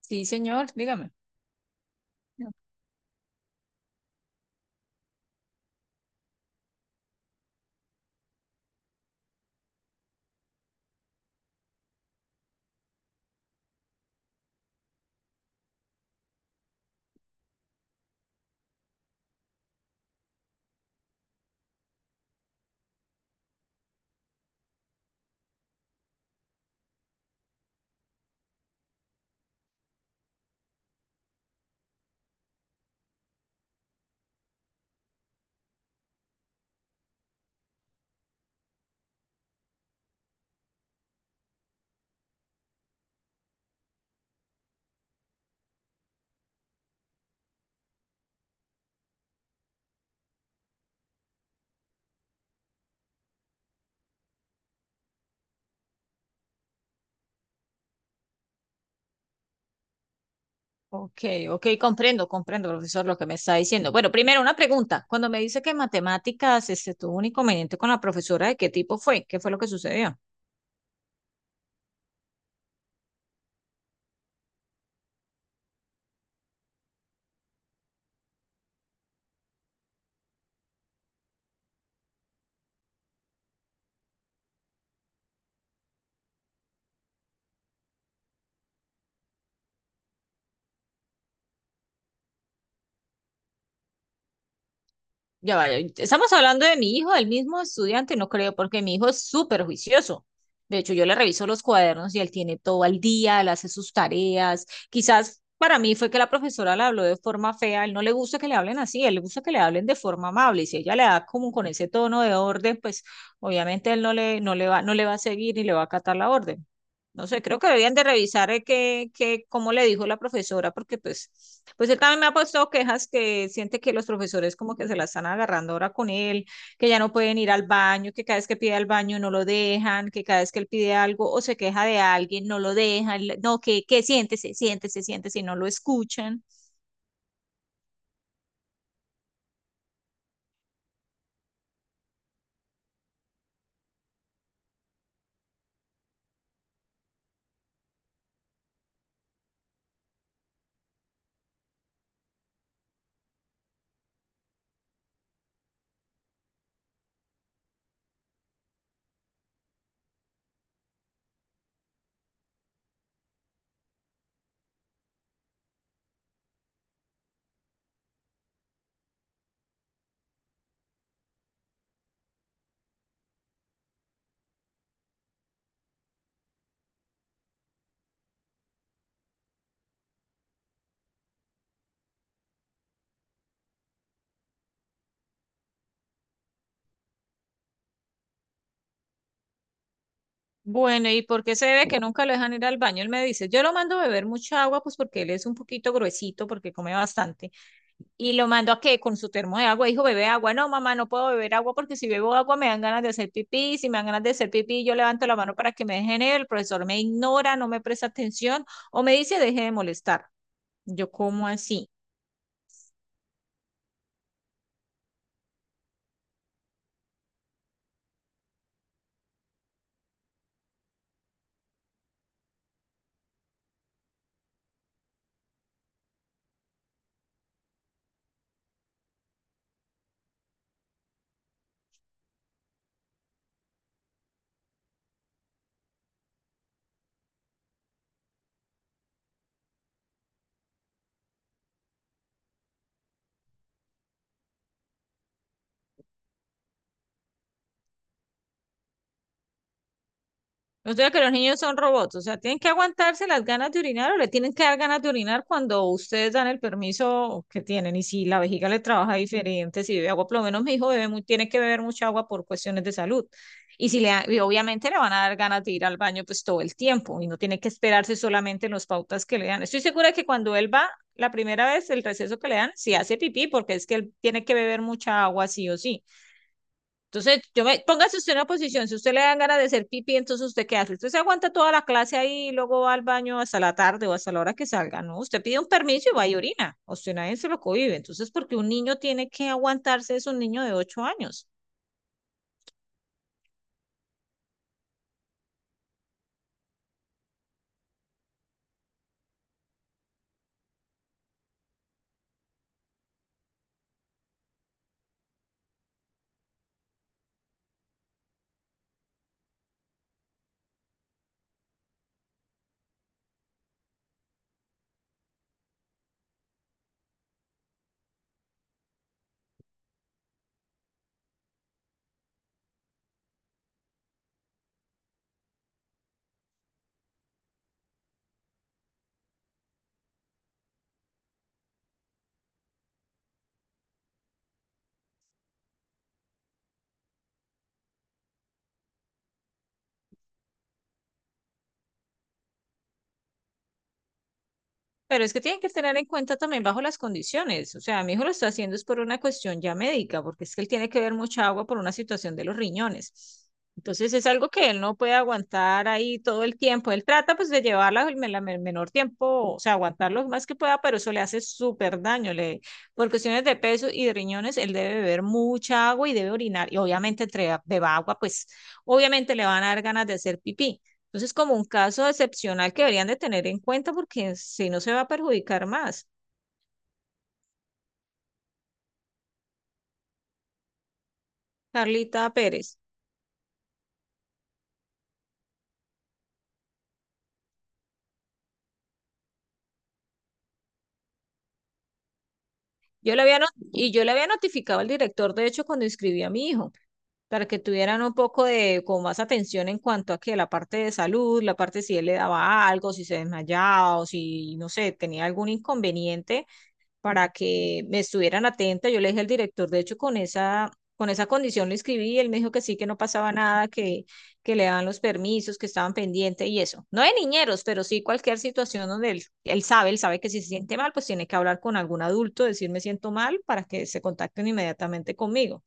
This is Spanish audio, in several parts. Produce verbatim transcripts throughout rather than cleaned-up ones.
Sí, señor, dígame. Ok, ok, comprendo, comprendo, profesor, lo que me está diciendo. Bueno, primero una pregunta. Cuando me dice que en matemáticas este, tuvo un inconveniente con la profesora, ¿de qué tipo fue? ¿Qué fue lo que sucedió? Ya vaya, estamos hablando de mi hijo, el mismo estudiante, no creo, porque mi hijo es súper juicioso. De hecho, yo le reviso los cuadernos y él tiene todo al día, él hace sus tareas. Quizás para mí fue que la profesora le habló de forma fea, él no le gusta que le hablen así, él le gusta que le hablen de forma amable y si ella le da como con ese tono de orden, pues obviamente él no le, no le va, no le va a seguir ni le va a acatar la orden. No sé, creo que deberían de revisar eh, que, que, cómo le dijo la profesora, porque pues, pues él también me ha puesto quejas, que siente que los profesores como que se la están agarrando ahora con él, que ya no pueden ir al baño, que cada vez que pide al baño no lo dejan, que cada vez que él pide algo o se queja de alguien, no lo dejan, le- no, que, que siéntese, siéntese, siéntese y no lo escuchan. Bueno, ¿y por qué se ve que nunca lo dejan ir al baño? Él me dice, yo lo mando a beber mucha agua, pues porque él es un poquito gruesito, porque come bastante. Y lo mandó a que con su termo de agua, dijo, bebe agua. No, mamá, no puedo beber agua porque si bebo agua me dan ganas de hacer pipí. Si me dan ganas de hacer pipí, yo levanto la mano para que me dejen ir. El profesor me ignora, no me presta atención o me dice, deje de molestar. Yo, ¿cómo así? O sea que los niños son robots, o sea, tienen que aguantarse las ganas de orinar o le tienen que dar ganas de orinar cuando ustedes dan el permiso que tienen. Y si la vejiga le trabaja diferente, si bebe agua, por lo menos mi hijo bebe mu- tiene que beber mucha agua por cuestiones de salud. Y si le, da- y obviamente le van a dar ganas de ir al baño pues todo el tiempo y no tiene que esperarse solamente en las pautas que le dan. Estoy segura que cuando él va la primera vez, el receso que le dan, si hace pipí, porque es que él tiene que beber mucha agua sí o sí. Entonces, yo me, póngase usted en una posición. Si usted le dan ganas de hacer pipí, ¿entonces usted qué hace? Usted se aguanta toda la clase ahí y luego va al baño hasta la tarde o hasta la hora que salga, ¿no? Usted pide un permiso y va y orina, o sea, nadie se lo cohibe. Entonces, porque un niño tiene que aguantarse, es un niño de ocho años. Pero es que tienen que tener en cuenta también bajo las condiciones. O sea, mi hijo lo está haciendo es por una cuestión ya médica, porque es que él tiene que beber mucha agua por una situación de los riñones. Entonces es algo que él no puede aguantar ahí todo el tiempo. Él trata pues de llevarla el, me- la- el menor tiempo, o sea, aguantar lo más que pueda, pero eso le hace súper daño. Le, por cuestiones de peso y de riñones, él debe beber mucha agua y debe orinar. Y obviamente entre beba agua, pues obviamente le van a dar ganas de hacer pipí. Entonces, como un caso excepcional que deberían de tener en cuenta porque si no se va a perjudicar más. Carlita Pérez. Yo le había no- y yo le había notificado al director, de hecho, cuando inscribí a mi hijo, para que tuvieran un poco de como más atención en cuanto a que la parte de salud, la parte si él le daba algo, si se desmayaba o si, no sé, tenía algún inconveniente para que me estuvieran atenta. Yo le dije al director, de hecho, con esa, con esa condición le escribí y él me dijo que sí, que no pasaba nada, que, que le daban los permisos, que estaban pendientes y eso. No de niñeros, pero sí cualquier situación donde él, él sabe, él sabe que si se siente mal, pues tiene que hablar con algún adulto, decir me siento mal para que se contacten inmediatamente conmigo.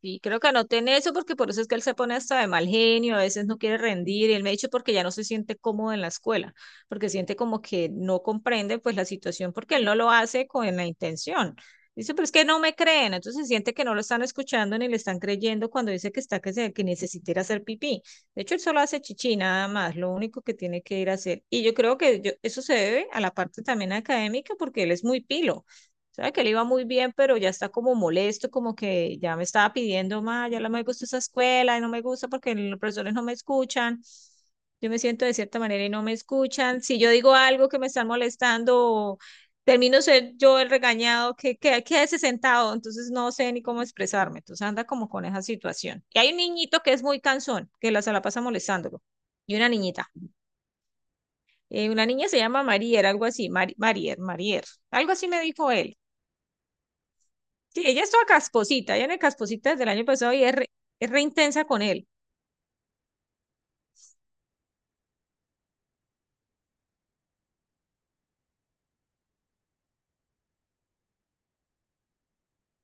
Sí, creo que anoté en eso porque por eso es que él se pone hasta de mal genio, a veces no quiere rendir y él me ha dicho porque ya no se siente cómodo en la escuela, porque siente como que no comprende pues la situación porque él no lo hace con la intención. Dice, pero es que no me creen, entonces siente que no lo están escuchando ni le están creyendo cuando dice que está que, se, que necesita ir a hacer pipí. De hecho, él solo hace chichi nada más, lo único que tiene que ir a hacer. Y yo creo que yo- eso se debe a la parte también académica porque él es muy pilo. Sabe que le iba muy bien, pero ya está como molesto, como que ya me estaba pidiendo más, ya no me gusta esa escuela, y no me gusta porque los profesores no me escuchan. Yo me siento de cierta manera y no me escuchan. Si yo digo algo que me están molestando, termino ser yo el regañado, que, que quédese sentado, entonces no sé ni cómo expresarme. Entonces anda como con esa situación. Y hay un niñito que es muy cansón, que la, se la pasa molestándolo. Y una niñita. Eh, una niña se llama Marier, algo así, Mari- Marier, Marier. Algo así me dijo él. Sí, ella es toda casposita, ella en el casposita desde el año pasado y es re, es re intensa con él.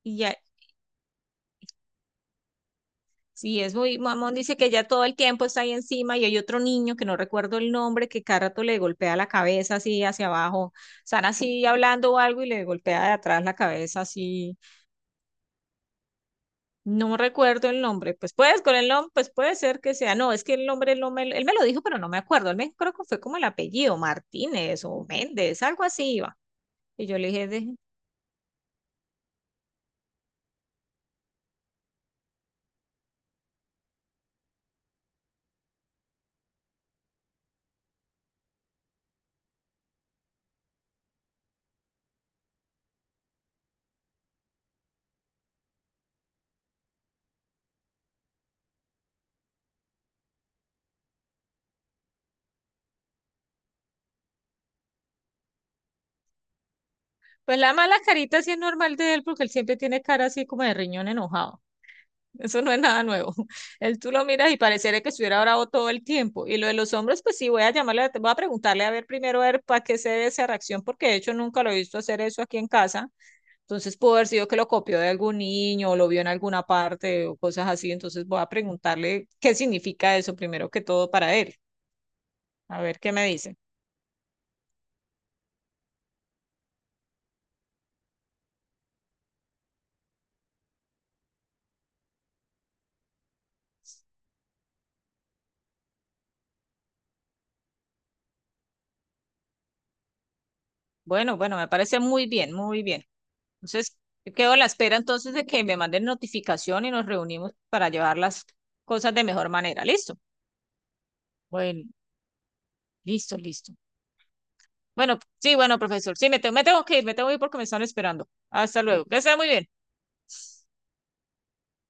Y ya, sí, es muy mamón, dice que ya todo el tiempo está ahí encima y hay otro niño que no recuerdo el nombre que cada rato le golpea la cabeza así hacia abajo. Están así hablando o algo y le golpea de atrás la cabeza así. No recuerdo el nombre. Pues puedes, con el nombre, pues puede ser que sea. No, es que el nombre él no me, él me lo dijo, pero no me acuerdo. Él me creo que fue como el apellido, Martínez o Méndez, algo así iba. Y yo le dije, de- Pues la mala carita sí es normal de él porque él siempre tiene cara así como de riñón enojado. Eso no es nada nuevo. Él tú lo miras y pareciera que estuviera bravo todo el tiempo. Y lo de los hombres, pues sí, voy a llamarle, la- voy a preguntarle a ver primero a ver para qué se debe esa reacción, porque de hecho nunca lo he visto hacer eso aquí en casa. Entonces pudo haber sido que lo copió de algún niño o lo vio en alguna parte o cosas así. Entonces voy a preguntarle qué significa eso primero que todo para él. A ver qué me dice. Bueno, bueno, me parece muy bien, muy bien. Entonces, yo quedo a la espera entonces de que me manden notificación y nos reunimos para llevar las cosas de mejor manera. ¿Listo? Bueno, listo, listo. Bueno, sí, bueno, profesor. Sí, me tengo, me tengo que ir, me tengo que ir porque me están esperando. Hasta luego. Que sea muy bien.